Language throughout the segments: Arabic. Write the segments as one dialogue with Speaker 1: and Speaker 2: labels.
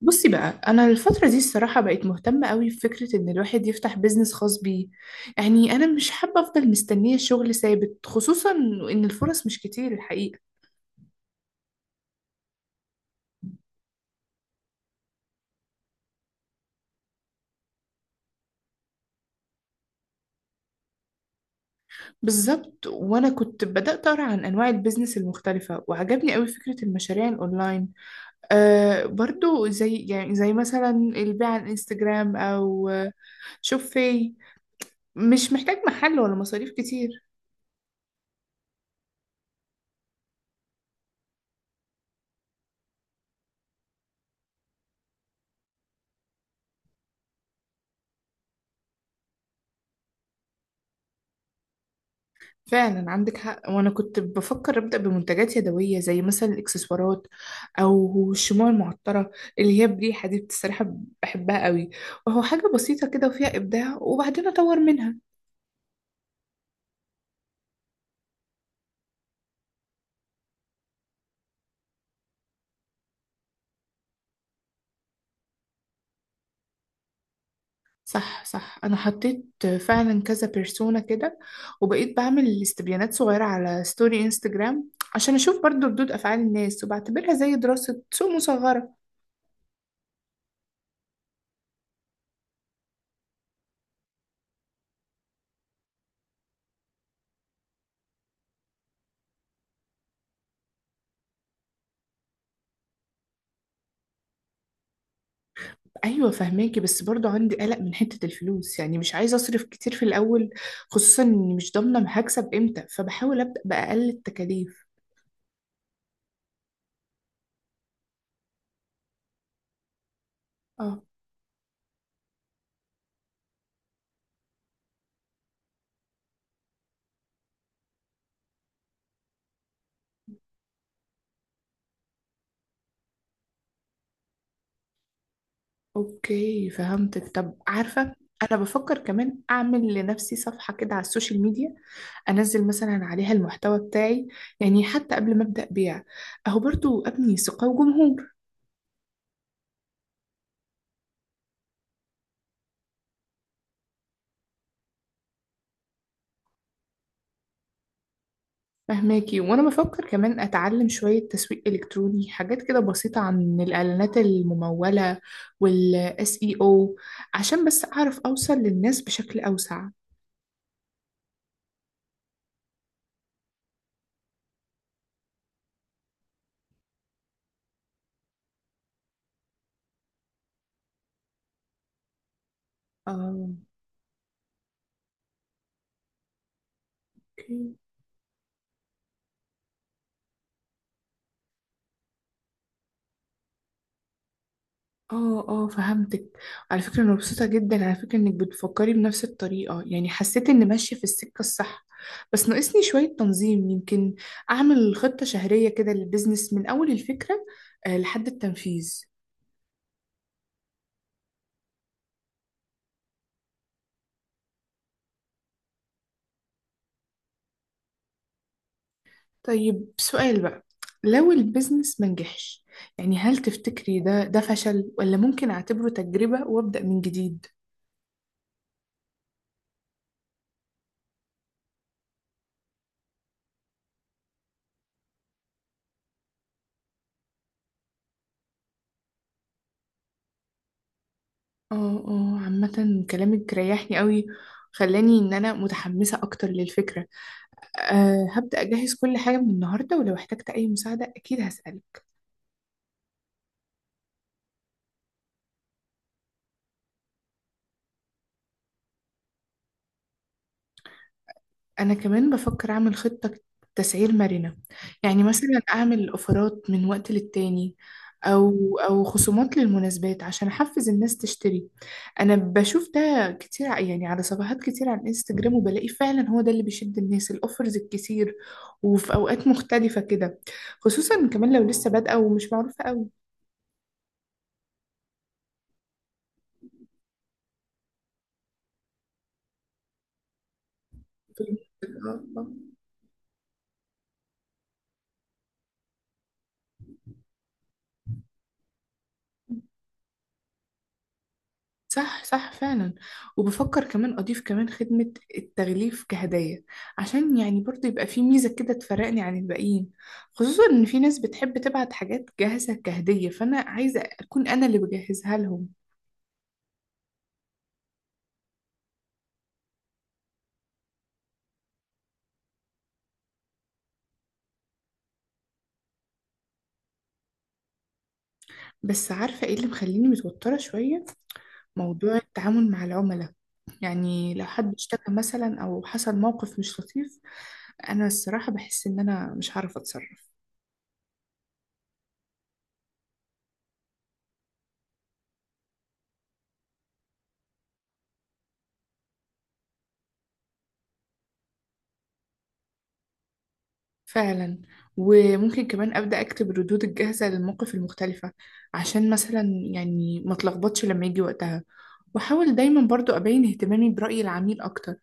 Speaker 1: بصي بقى، انا الفتره دي الصراحه بقيت مهتمه قوي بفكره ان الواحد يفتح بيزنس خاص بيه. يعني انا مش حابه افضل مستنيه شغل ثابت، خصوصا ان الفرص مش كتير الحقيقه. بالظبط. وانا كنت بدات اقرا عن انواع البيزنس المختلفه وعجبني قوي فكره المشاريع الاونلاين. آه برضو، زي مثلا البيع على الانستجرام او شوفي، مش محتاج محل ولا مصاريف كتير. فعلا عندك حق. وانا كنت بفكر ابدا بمنتجات يدويه زي مثلا الاكسسوارات او الشموع المعطره، اللي هي بريحه دي بصراحه بحبها قوي. وهو حاجه بسيطه كده وفيها ابداع وبعدين اطور منها. صح، صح، انا حطيت فعلا كذا بيرسونا كده، وبقيت بعمل استبيانات صغيره على ستوري انستجرام عشان اشوف برضو ردود افعال الناس، وبعتبرها زي دراسه سوق مصغره. ايوه، فهماكي. بس برضو عندي قلق من حته الفلوس، يعني مش عايزه اصرف كتير في الاول، خصوصا اني مش ضامنه هكسب امتى، فبحاول ابدا باقل التكاليف. اه. اوكي فهمتك. طب عارفه، انا بفكر كمان اعمل لنفسي صفحه كده على السوشيال ميديا، انزل مثلا عليها المحتوى بتاعي، يعني حتى قبل ما ابدا بيع، اهو برضو ابني ثقه وجمهور. فهماكي. وانا بفكر كمان اتعلم شوية تسويق الكتروني، حاجات كده بسيطة عن الاعلانات الممولة والاس اي او، عشان بس اعرف اوصل للناس بشكل اوسع. اه. اوكي. اه، اه، فهمتك. على فكرة انا مبسوطة جدا على فكرة انك بتفكري بنفس الطريقة، يعني حسيت اني ماشية في السكة الصح. بس ناقصني شوية تنظيم، يمكن اعمل خطة شهرية كده للبيزنس من اول الفكرة لحد التنفيذ. طيب، سؤال بقى: لو البيزنس منجحش، يعني هل تفتكري ده فشل ولا ممكن أعتبره تجربة وأبدأ من جديد؟ اه، اه، عامة كلامك ريحني قوي، خلاني إن أنا متحمسة أكتر للفكرة. أه، هبدأ أجهز كل حاجة من النهاردة، ولو احتجت أي مساعدة أكيد هسألك. أنا كمان بفكر أعمل خطة تسعير مرنة، يعني مثلا أعمل أوفرات من وقت للتاني أو خصومات للمناسبات عشان أحفز الناس تشتري. أنا بشوف ده كتير يعني على صفحات كتير على الإنستجرام، وبلاقي فعلا هو ده اللي بيشد الناس، الأوفرز الكتير وفي أوقات مختلفة كده، خصوصا كمان لو لسه بادئة ومش معروفة. أوي. صح، صح، فعلا. وبفكر كمان أضيف كمان خدمة التغليف كهدية، عشان يعني برضه يبقى في ميزة كده تفرقني عن الباقيين، خصوصا إن في ناس بتحب تبعت حاجات جاهزة كهدية، فأنا عايزة أكون أنا اللي بجهزها لهم. بس عارفة إيه اللي مخليني متوترة شوية؟ موضوع التعامل مع العملاء. يعني لو حد اشتكى مثلا أو حصل موقف مش لطيف، أنا الصراحة بحس إن أنا مش هعرف أتصرف. فعلا. وممكن كمان أبدأ أكتب الردود الجاهزة للمواقف المختلفة، عشان مثلا يعني ما اتلخبطش لما يجي وقتها، وأحاول دايما برضو أبين اهتمامي برأي العميل أكتر.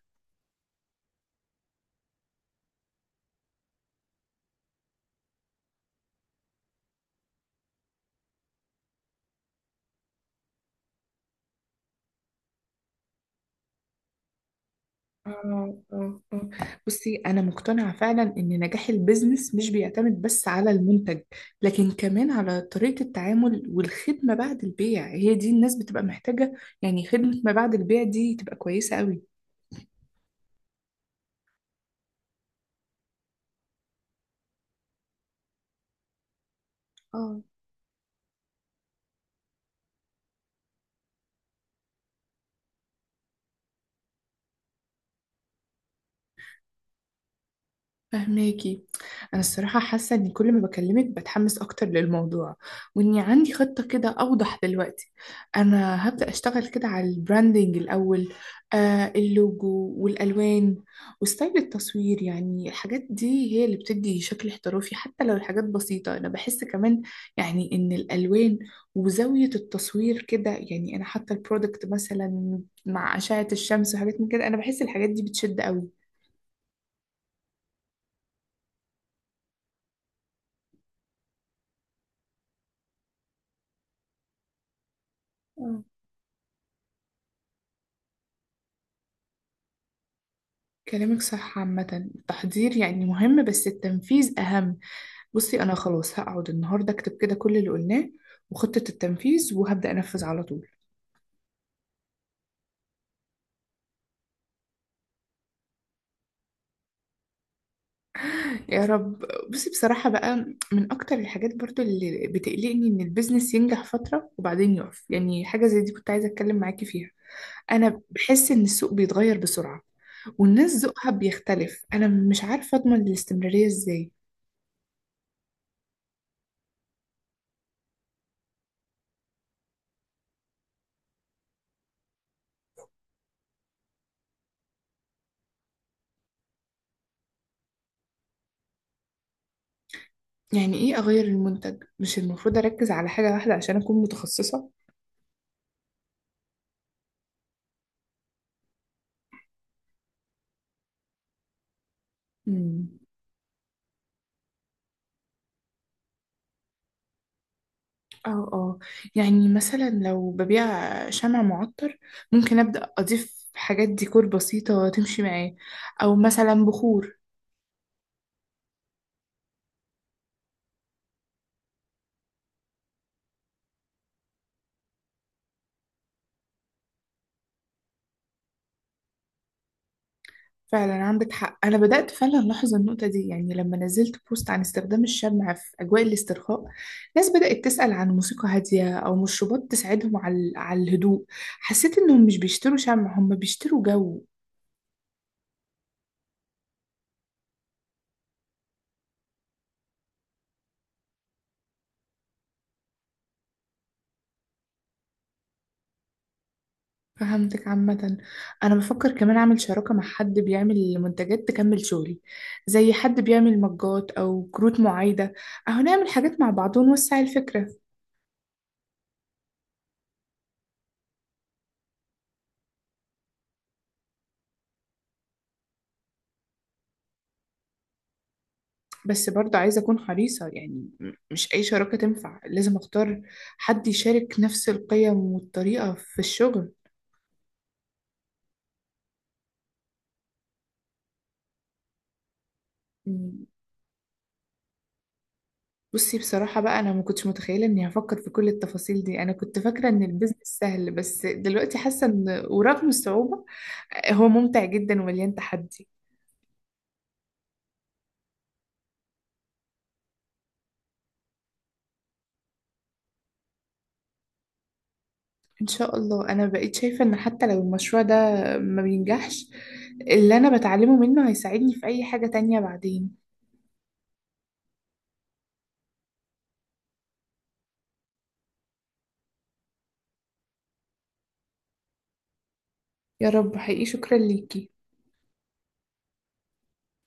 Speaker 1: آه، آه، آه. بصي أنا مقتنعة فعلا إن نجاح البيزنس مش بيعتمد بس على المنتج، لكن كمان على طريقة التعامل والخدمة بعد البيع، هي دي الناس بتبقى محتاجة، يعني خدمة ما بعد البيع دي تبقى كويسة قوي. فهماكي. انا الصراحه حاسه ان كل ما بكلمك بتحمس اكتر للموضوع، واني عندي خطه كده اوضح دلوقتي. انا هبدا اشتغل كده على البراندنج الاول، اللوجو والالوان وستايل التصوير، يعني الحاجات دي هي اللي بتدي شكل احترافي حتى لو الحاجات بسيطه. انا بحس كمان يعني ان الالوان وزاويه التصوير كده، يعني انا حتى البرودكت مثلا مع اشعه الشمس وحاجات من كده، انا بحس الحاجات دي بتشد قوي. كلامك صح. عامة التحضير يعني مهم، بس التنفيذ أهم. بصي أنا خلاص هقعد النهاردة أكتب كده كل اللي قلناه وخطة التنفيذ، وهبدأ أنفذ على طول. يا رب. بصي بصراحة بقى، من أكتر الحاجات برضو اللي بتقلقني إن البيزنس ينجح فترة وبعدين يقف، يعني حاجة زي دي كنت عايزة أتكلم معاكي فيها. أنا بحس إن السوق بيتغير بسرعة، والناس ذوقها بيختلف، أنا مش عارفة أضمن الاستمرارية إزاي. يعني إيه أغير المنتج؟ مش المفروض أركز على حاجة واحدة عشان أكون متخصصة؟ مم. اه، اه. يعني مثلا لو ببيع شمع معطر، ممكن أبدأ أضيف حاجات ديكور بسيطة تمشي معاه، أو مثلا بخور. فعلا عندك حق، أنا بدأت فعلا ألاحظ النقطة دي. يعني لما نزلت بوست عن استخدام الشمع في أجواء الاسترخاء، ناس بدأت تسأل عن موسيقى هادية أو مشروبات تساعدهم على الهدوء، حسيت إنهم مش بيشتروا شمع، هم بيشتروا جو. فهمتك. عامة أنا بفكر كمان أعمل شراكة مع حد بيعمل منتجات تكمل شغلي، زي حد بيعمل مجات أو كروت معايدة، أهو نعمل حاجات مع بعض ونوسع الفكرة. بس برضه عايزة أكون حريصة، يعني مش أي شراكة تنفع، لازم أختار حد يشارك نفس القيم والطريقة في الشغل. م، بصي بصراحة بقى، أنا ما كنتش متخيلة إني هفكر في كل التفاصيل دي، أنا كنت فاكرة إن البيزنس سهل، بس دلوقتي حاسة إن ورغم الصعوبة، هو ممتع جدا ومليان تحدي. ان شاء الله، انا بقيت شايفة ان حتى لو المشروع ده ما بينجحش، اللي انا بتعلمه منه هيساعدني في اي حاجة تانية بعدين. يا رب، حقيقي شكرا ليكي.